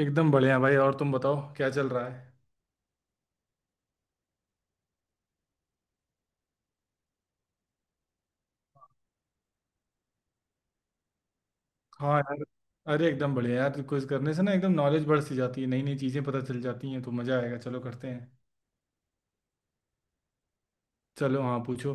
एकदम बढ़िया भाई। और तुम बताओ क्या चल रहा है। हाँ यार। अरे एकदम बढ़िया यार, क्विज करने से ना एकदम नॉलेज बढ़ सी जाती है, नई नई चीज़ें पता चल जाती हैं, तो मज़ा आएगा, चलो करते हैं। चलो, हाँ, पूछो।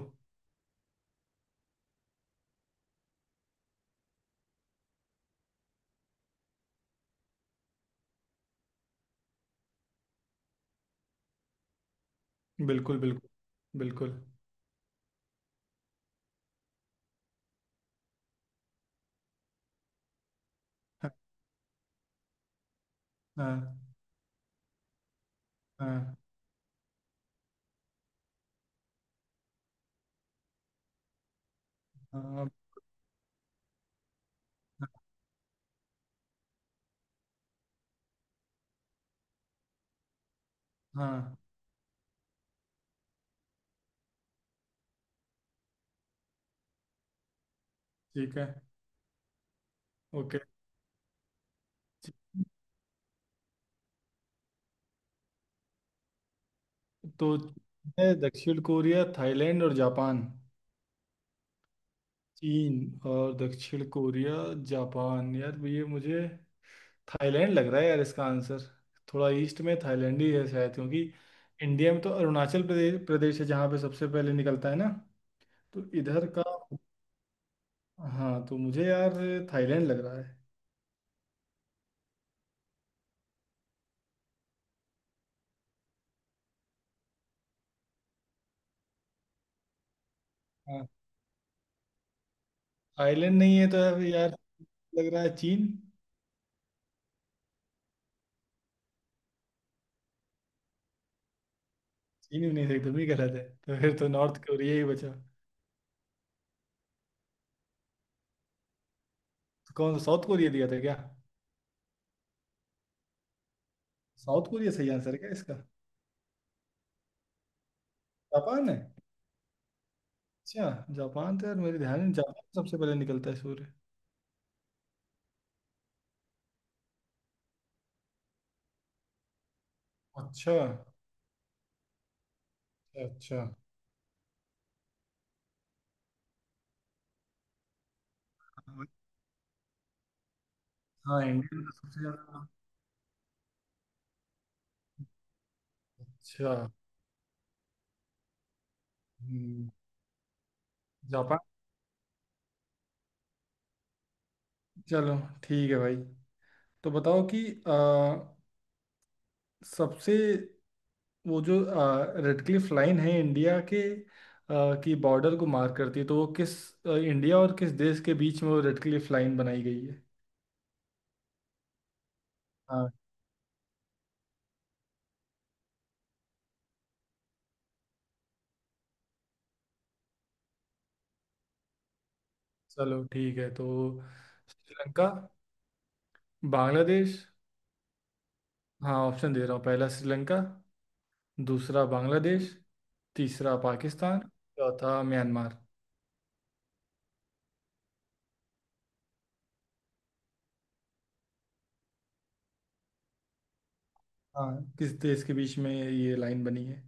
बिल्कुल, बिल्कुल, बिल्कुल। हाँ, हाँ, हाँ, हाँ, हाँ, ठीक है। ओके। तो है दक्षिण कोरिया, थाईलैंड और जापान, चीन, और दक्षिण कोरिया। जापान। यार, ये मुझे थाईलैंड लग रहा है यार इसका आंसर। थोड़ा ईस्ट में थाईलैंड ही है शायद, क्योंकि इंडिया में तो अरुणाचल प्रदेश प्रदेश है जहाँ पे सबसे पहले निकलता है ना। तो इधर का। हाँ, तो मुझे यार थाईलैंड लग रहा है। हाँ, थाईलैंड नहीं है तो अब यार। लग रहा है चीन। चीन भी नहीं था, तुम ही कह रहे थे, तो फिर तो नॉर्थ कोरिया ही बचा तो। कौन सा? साउथ कोरिया दिया था क्या? साउथ कोरिया सही आंसर है क्या इसका? जापान है? अच्छा। जापान तो यार मेरे ध्यान में जापान सबसे पहले निकलता है सूर्य। अच्छा। अच्छा। अच्छा। हाँ, इंडियन का सबसे ज्यादा। अच्छा। हम्म, जापान। चलो ठीक है भाई। तो बताओ कि सबसे, वो जो रेडक्लिफ लाइन है, इंडिया के की बॉर्डर को मार्क करती है, तो वो किस इंडिया और किस देश के बीच में वो रेडक्लिफ लाइन बनाई गई है? हाँ। चलो ठीक है तो। श्रीलंका, बांग्लादेश। हाँ, ऑप्शन दे रहा हूँ। पहला श्रीलंका, दूसरा बांग्लादेश, तीसरा पाकिस्तान, चौथा म्यांमार। हाँ, किस देश के बीच में ये लाइन बनी है?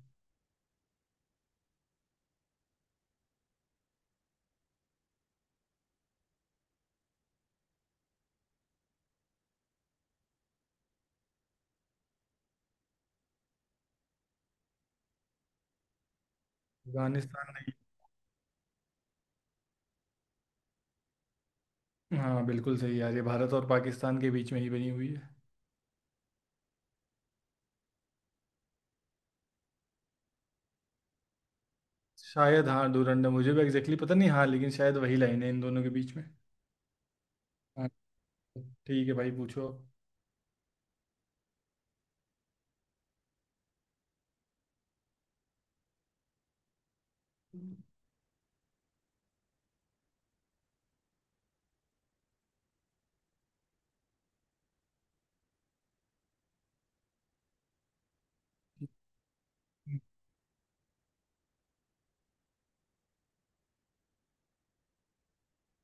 अफगानिस्तान नहीं। हाँ, बिल्कुल सही यार, ये भारत और पाकिस्तान के बीच में ही बनी हुई है। शायद, हाँ डोरंडम, मुझे भी एग्जैक्टली exactly पता नहीं, हाँ लेकिन शायद वही लाइन है इन दोनों के बीच में। हाँ, ठीक है भाई, पूछो।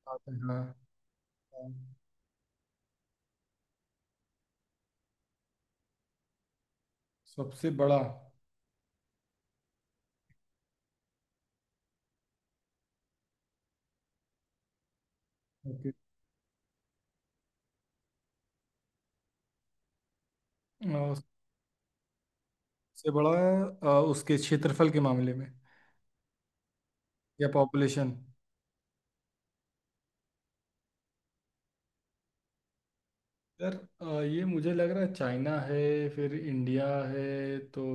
आप। हाँ। हाँ। सबसे बड़ा। ओके। अ, सबसे बड़ा? उसके क्षेत्रफल के मामले में या पॉपुलेशन? यार, ये मुझे लग रहा है चाइना है, फिर इंडिया है तो।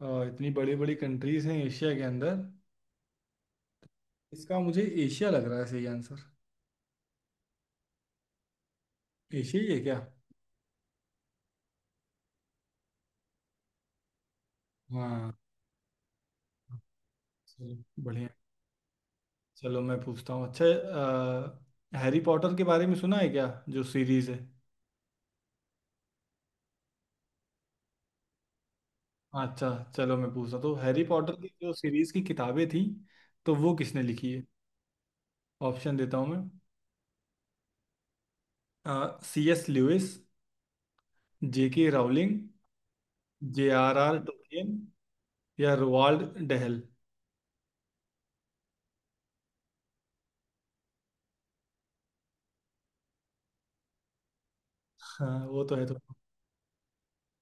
इतनी बड़ी बड़ी कंट्रीज हैं एशिया के अंदर। इसका मुझे एशिया लग रहा है सही आंसर। एशिया ही है क्या? हाँ, चलो। बढ़िया। चलो मैं पूछता हूँ अच्छा। हैरी पॉटर के बारे में सुना है क्या, जो सीरीज है? अच्छा, चलो मैं पूछता हूँ। तो हैरी पॉटर की जो सीरीज की किताबें थी, तो वो किसने लिखी है? ऑप्शन देता हूँ मैं। C S Lewis, J K Rowling, J R R Tolkien, या रोवाल्ड डहल। हाँ वो तो है तो।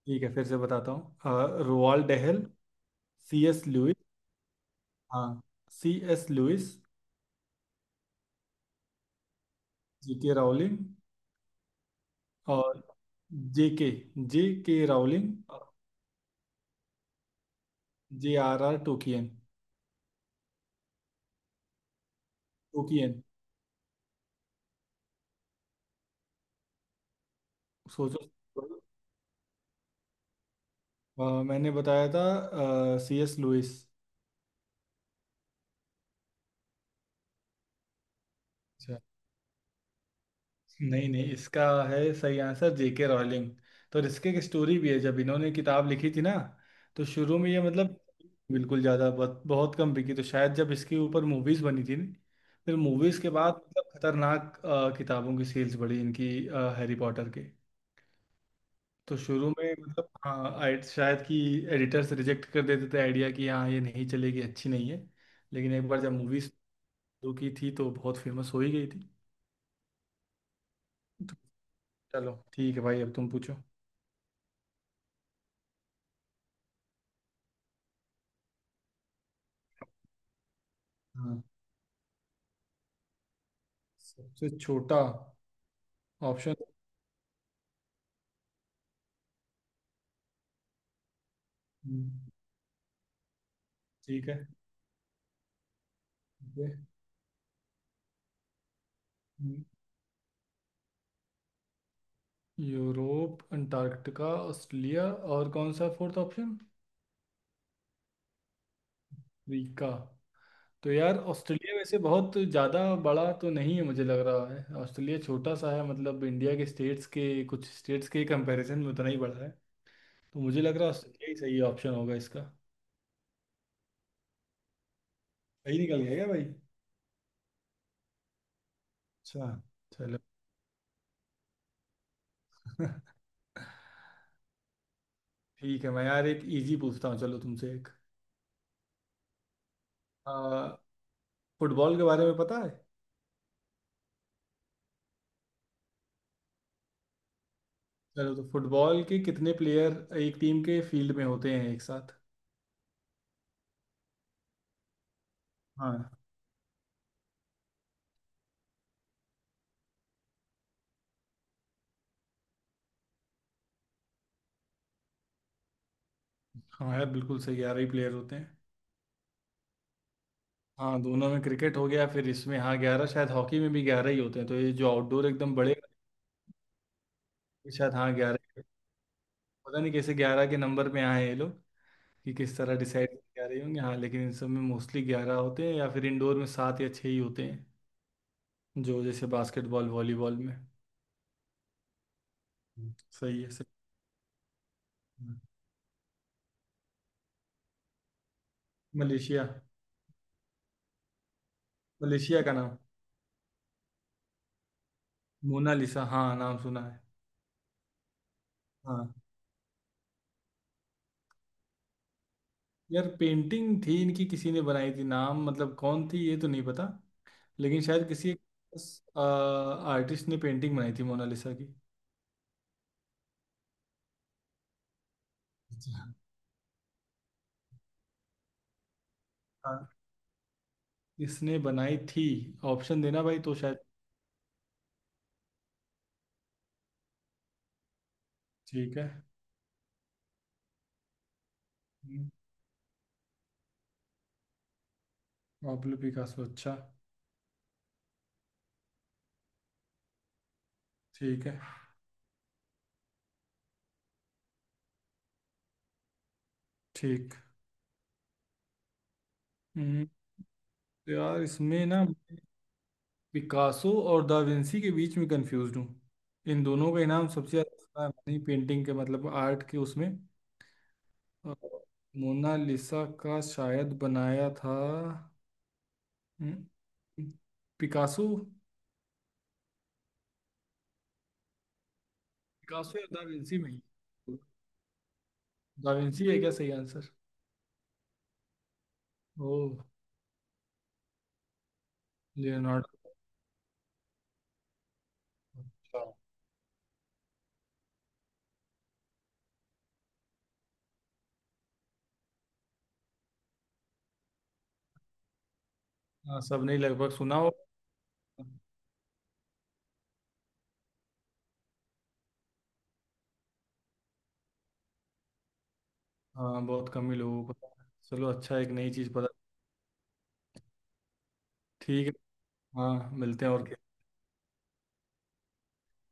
ठीक है, फिर से बताता हूँ। Roald Dahl, C S Lewis. हाँ, C S Lewis, J K Rowling और J K. J K Rowling, J R R Tolkien Tolkien सोचो। मैंने बताया था सी एस लुइस। नहीं, नहीं, इसका है सही आंसर जेके रॉलिंग। तो इसके की स्टोरी भी है, जब इन्होंने किताब लिखी थी ना। तो शुरू में ये मतलब बिल्कुल ज़्यादा बहुत बहुत कम बिकी। तो शायद जब इसके ऊपर मूवीज़ बनी थी न, फिर मूवीज़ के बाद मतलब खतरनाक किताबों की सेल्स बढ़ी इनकी, हैरी पॉटर के। तो शुरू में मतलब हाँ, शायद कि एडिटर्स रिजेक्ट कर देते थे आइडिया कि हाँ ये नहीं चलेगी, अच्छी नहीं है। लेकिन एक बार जब मूवीज़ शुरू की थी, तो बहुत फेमस हो ही गई थी। तो चलो, ठीक है भाई, अब तुम पूछो। सबसे छोटा। ऑप्शन। ठीक है। ठीक है। यूरोप, अंटार्कटिका, ऑस्ट्रेलिया और कौन सा फोर्थ ऑप्शन? अफ्रीका। तो यार ऑस्ट्रेलिया वैसे बहुत ज़्यादा बड़ा तो नहीं है, मुझे लग रहा है ऑस्ट्रेलिया छोटा सा है, मतलब इंडिया के स्टेट्स के, कुछ स्टेट्स के कंपैरिजन में उतना ही बड़ा है। तो मुझे लग रहा है ऑस्ट्रेलिया ही सही ऑप्शन होगा इसका। सही निकल गया क्या भाई? अच्छा। चलो। ठीक है, मैं यार एक इजी पूछता हूँ, चलो तुमसे एक। आ, फुटबॉल के बारे में पता है? चलो, तो फुटबॉल के कितने प्लेयर एक टीम के फील्ड में होते हैं एक साथ? हाँ। हाँ यार, बिल्कुल सही, 11 ही प्लेयर होते हैं। हाँ, दोनों में क्रिकेट हो गया, फिर इसमें हाँ 11, शायद हॉकी में भी 11 ही होते हैं, तो ये जो आउटडोर एकदम बड़े वाले, शायद हाँ 11। पता नहीं कैसे 11 के नंबर पे आए हैं ये लोग, कि किस तरह डिसाइड 11 होंगे। हाँ लेकिन इन सब में मोस्टली 11 होते हैं, या फिर इंडोर में सात या छः ही होते हैं। जो जैसे बास्केटबॉल, वॉलीबॉल में। हम्म। सही है। सही। मलेशिया? मलेशिया का नाम? मोनालिसा, हाँ, नाम सुना है। हाँ यार, पेंटिंग थी इनकी, किसी ने बनाई थी, नाम मतलब कौन थी ये तो नहीं पता। लेकिन शायद किसी एक आर्टिस्ट ने पेंटिंग बनाई थी मोनालिसा की। अच्छा। हाँ, इसने बनाई थी? ऑप्शन देना भाई, तो शायद। ठीक है। हम्म, पाब्लो पिकासो। अच्छा। ठीक है। ठीक। हम्म, तो यार इसमें ना पिकासो और दा विंसी के बीच में कंफ्यूज हूँ। इन दोनों का इनाम सबसे ज्यादा नहीं पेंटिंग के, मतलब आर्ट के उसमें। अ, मोनालिसा का शायद बनाया था हम्म, पिकासो। पिकासो या दा विंची में ही। दा विंची है क्या सही आंसर? ओ, लियोनार्डो। अच्छा। हाँ, सबने ही लगभग सुना हो। हाँ, बहुत कम ही लोगों को पता है। चलो, अच्छा एक नई चीज़ पता। ठीक है। हाँ, मिलते हैं और क्या।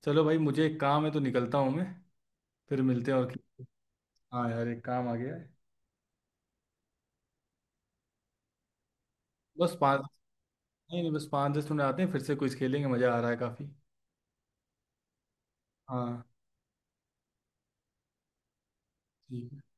चलो भाई, मुझे एक काम है तो निकलता हूँ मैं। फिर मिलते हैं और खेलते हैं। हाँ यार, एक काम आ गया है। बस पाँच। नहीं, नहीं, बस 5-10 मिनट, आते हैं फिर से कुछ खेलेंगे, मज़ा आ रहा है काफ़ी। हाँ। ठीक।